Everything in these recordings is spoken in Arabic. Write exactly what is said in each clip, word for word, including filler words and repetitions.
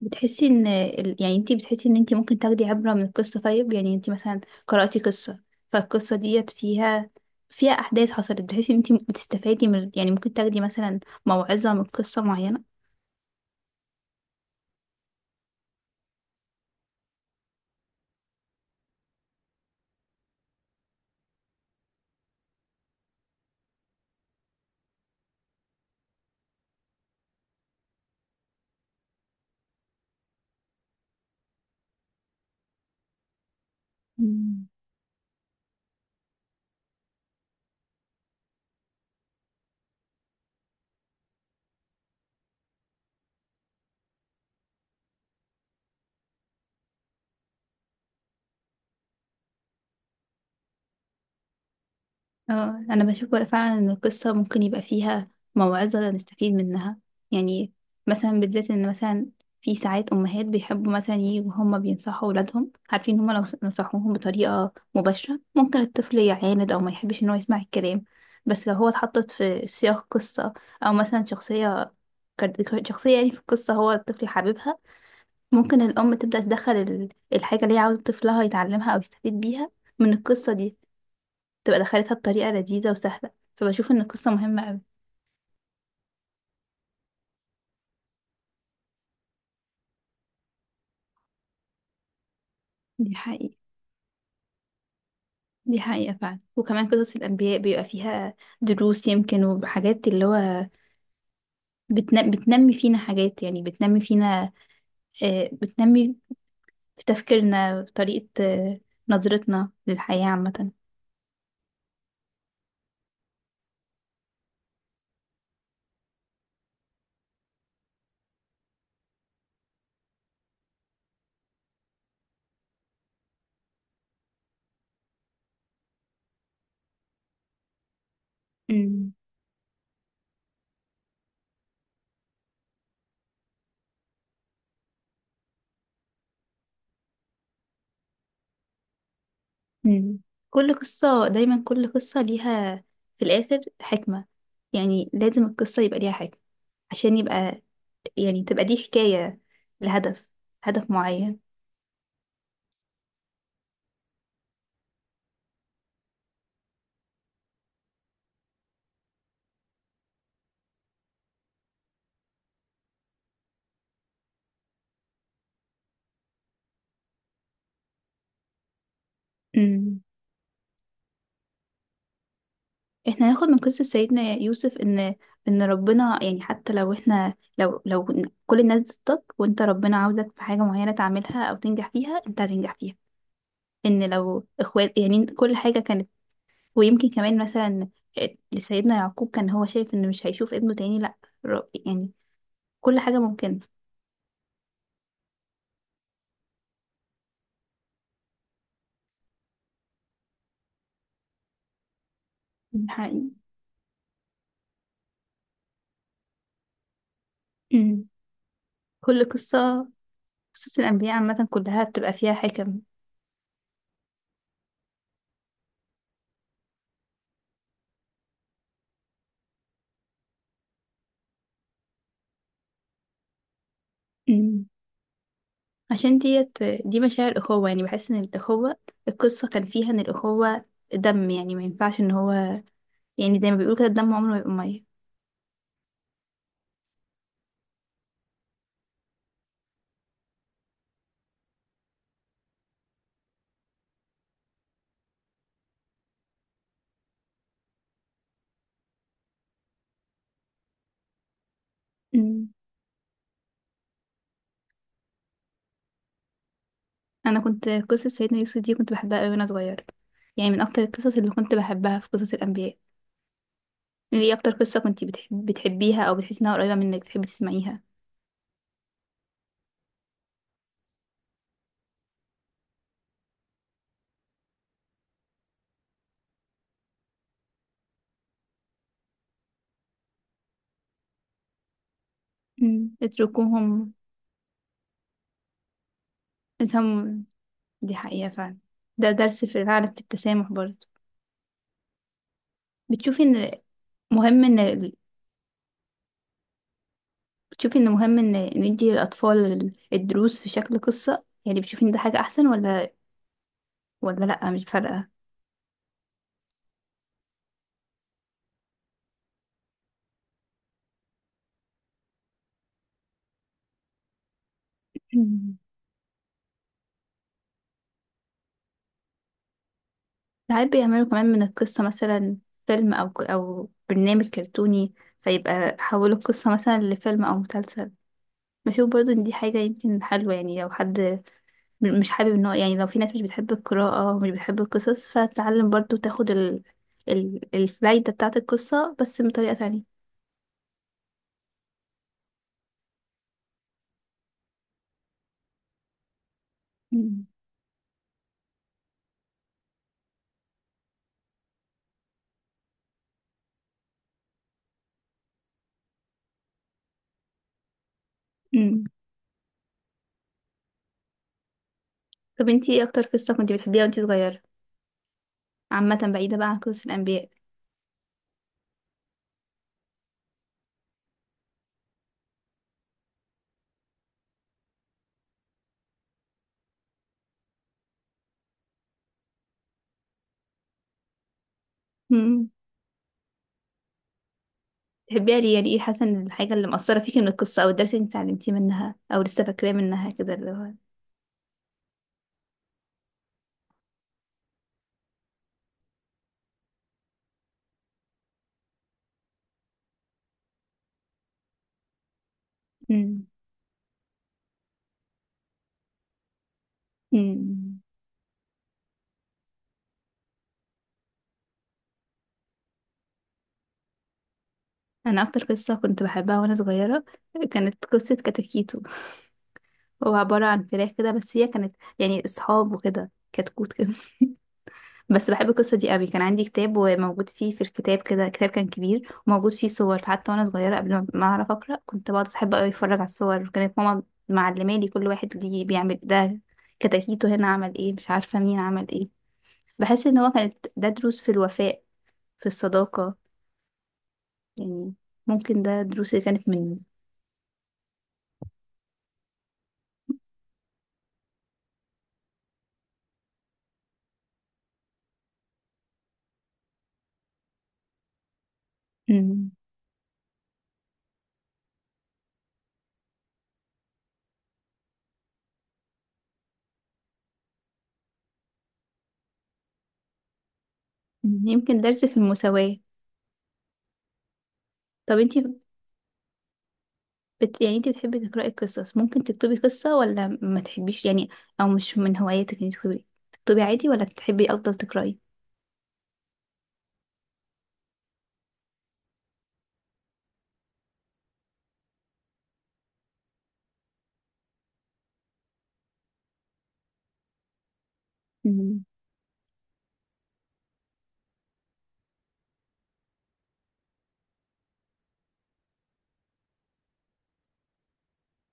بتحسي ان ال- يعني انتي بتحسي ان انتي ممكن تاخدي عبرة من القصة؟ طيب، يعني انتي مثلا قرأتي قصة فالقصة ديت فيها فيها احداث حصلت، بتحسي ان انتي بتستفادي من، يعني ممكن تاخدي مثلا موعظة من قصة معينة؟ اه، انا بشوف بقى فعلا ان القصه ممكن يبقى فيها موعظه نستفيد منها. يعني مثلا بالذات ان مثلا في ساعات امهات بيحبوا مثلا يجوا هما بينصحوا اولادهم، عارفين هما لو نصحوهم بطريقه مباشره ممكن الطفل يعاند او ما يحبش ان هو يسمع الكلام، بس لو هو اتحطت في سياق قصه او مثلا شخصيه كارت- شخصيه يعني في القصه هو الطفل حاببها، ممكن الام تبدا تدخل ال- الحاجه اللي هي عاوزه طفلها يتعلمها او يستفيد بيها من القصه دي، تبقى دخلتها بطريقة لذيذة وسهلة. فبشوف ان القصة مهمة قوي. دي حقيقة. دي حقيقة فعلا، وكمان قصص الأنبياء بيبقى فيها دروس، يمكن وحاجات اللي هو بتن... بتنمي فينا حاجات، يعني بتنمي فينا، آه، بتنمي في تفكيرنا، في طريقة، آه، نظرتنا للحياة عامة. امم امم كل قصة دايما، كل قصة ليها في الآخر حكمة. يعني لازم القصة يبقى ليها حكمة عشان يبقى، يعني تبقى دي حكاية لهدف، هدف معين. امم احنا هناخد من قصة سيدنا يوسف ان، ان ربنا يعني حتى لو احنا لو لو كل الناس ضدك وانت ربنا عاوزك في حاجة معينة تعملها او تنجح فيها انت هتنجح فيها، ان لو اخوات يعني كل حاجة كانت. ويمكن كمان مثلا سيدنا يعقوب كان هو شايف انه مش هيشوف ابنه تاني، لا، ر- يعني كل حاجة ممكنة. ده حقيقي. امم كل قصة، قصص الأنبياء عامة كلها بتبقى فيها حكم. مم. عشان ديت، دي مشاعر أخوة، يعني بحس إن الأخوة، القصة كان فيها إن الأخوة دم، يعني ما ينفعش إن هو، يعني زي ما بيقولوا كده، الدم عمره ما يبقى مية. مم. أنا كنت قصة سيدنا يوسف دي كنت بحبها أوي وأنا صغيرة، يعني من أكتر القصص اللي كنت بحبها في قصص الأنبياء. يعني إيه أكتر قصة كنت بتحب بتحبيها أو بتحسي إنها قريبة منك بتحبي تسمعيها؟ مم. اتركوهم. اتهم. دي حقيقة فعلا. ده درس في العالم في التسامح برضه. بتشوفي إن مهم إن بتشوفي ان مهم ان ندي للاطفال ال- الدروس في شكل قصة، يعني بتشوفي ان ده حاجة احسن ولا، ولا لا مش فارقة؟ مم. ساعات بيعملوا كمان من القصة مثلا فيلم او ك- او برنامج كرتوني، فيبقى حولوا القصة مثلا لفيلم او مسلسل. بشوف برضو ان دي حاجة يمكن حلوة، يعني لو حد م- مش حابب ان هو، يعني لو في ناس مش بتحب القراءة ومش بتحب القصص، فتتعلم برضو تاخد ال... ال... الفايدة بتاعة القصة بس بطريقة تانية. مم. مم. طب انتي ايه اكتر قصة كنتي بتحبيها وانتي صغيرة، عامة بعيدة بقى عن قصص الأنبياء؟ مم. تحبيها ليه؟ يعني ايه حاسة ان الحاجة اللي مأثرة فيكي من القصة أو الدرس اللي انت اتعلمتيه منها أو لسه فاكراه منها كده اللي هو؟ مم. مم. أنا أكتر قصة كنت بحبها وأنا صغيرة كانت قصة كتاكيتو. هو عبارة عن فراخ كده، بس هي كانت يعني أصحاب وكده، كتكوت كده. بس بحب القصة دي قوي، كان عندي كتاب وموجود فيه، في الكتاب كده كتاب كان كبير وموجود فيه صور، حتى وانا صغيرة قبل ما ما اعرف اقرأ كنت بقعد احب قوي اتفرج على الصور، وكانت ماما معلمة لي كل واحد ليه بيعمل ده، كتاكيته هنا عمل ايه، مش عارفة مين عمل ايه. بحس ان هو كانت ده دروس في الوفاء، في الصداقة، يعني ممكن ده دروس اللي كانت مني. مم. يمكن درس في المساواة. طب انتي بت... يعني انت بتحبي تقرأي قصص، ممكن تكتبي قصة ولا ما تحبيش، يعني او مش من هواياتك انك تكتبي، تكتبي عادي ولا بتحبي افضل تقرأي؟ امم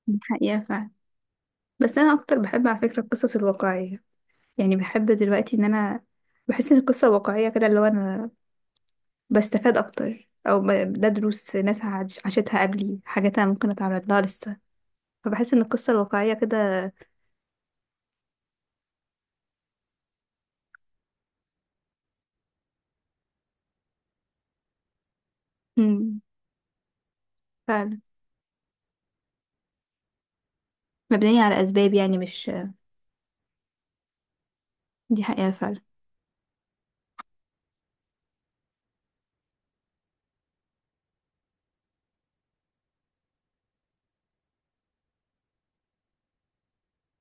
الحقيقة فعلا. بس انا اكتر بحب على فكرة القصص الواقعية، يعني بحب دلوقتي ان انا بحس ان القصة واقعية كده اللي هو انا بستفاد اكتر او ب... ده دروس ناس عاش- عاشتها قبلي، حاجات انا ممكن اتعرض لها لسه، فبحس ان القصة الواقعية كده. امم فعلا مبنية على اسباب يعني مش. دي حقيقة فعلا.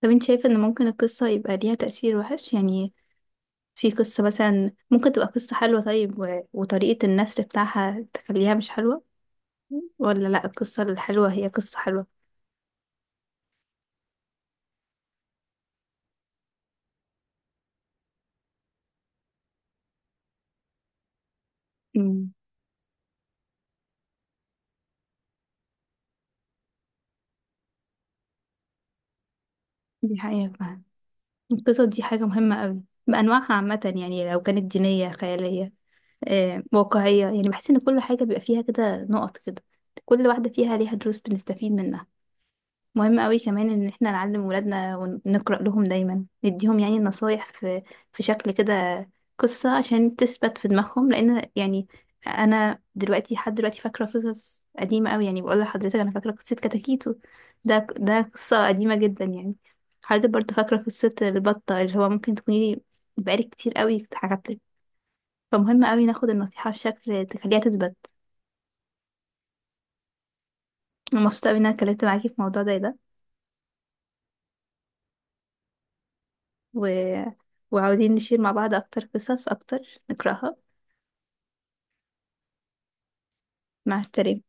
طب انت شايفة ان ممكن القصة يبقى ليها تأثير وحش؟ يعني في قصة مثلا ممكن تبقى قصة حلوة طيب و... وطريقة النثر بتاعها تخليها مش حلوة، ولا لا القصة الحلوة هي قصة حلوة؟ امم دي حقيقة فعلا. القصة دي حاجة مهمة قوي بأنواعها عامة، يعني لو كانت دينية، خيالية، آه، واقعية، يعني بحس ان كل حاجة بيبقى فيها كده نقط كده، كل واحدة فيها ليها دروس بنستفيد منها. مهم قوي كمان ان احنا نعلم ولادنا ونقرأ لهم دايما، نديهم يعني النصايح في في شكل كده، قصة عشان تثبت في دماغهم، لان يعني انا دلوقتي لحد دلوقتي فاكرة قصص قديمة قوي، يعني بقول لحضرتك انا فاكرة قصة كتاكيتو، ده ده قصة قديمة جدا يعني، حضرتك برضه فاكرة قصة البطة اللي هو ممكن تكوني بقالك كتير قوي اتحكت لك. فمهم قوي ناخد النصيحة بشكل تخليها تثبت. أنا مبسوطة قوي ان انا اتكلمت معاكي في موضوع زي ده. و... وعاوزين نشير مع بعض أكتر قصص أكتر نقرأها. مع السلامة.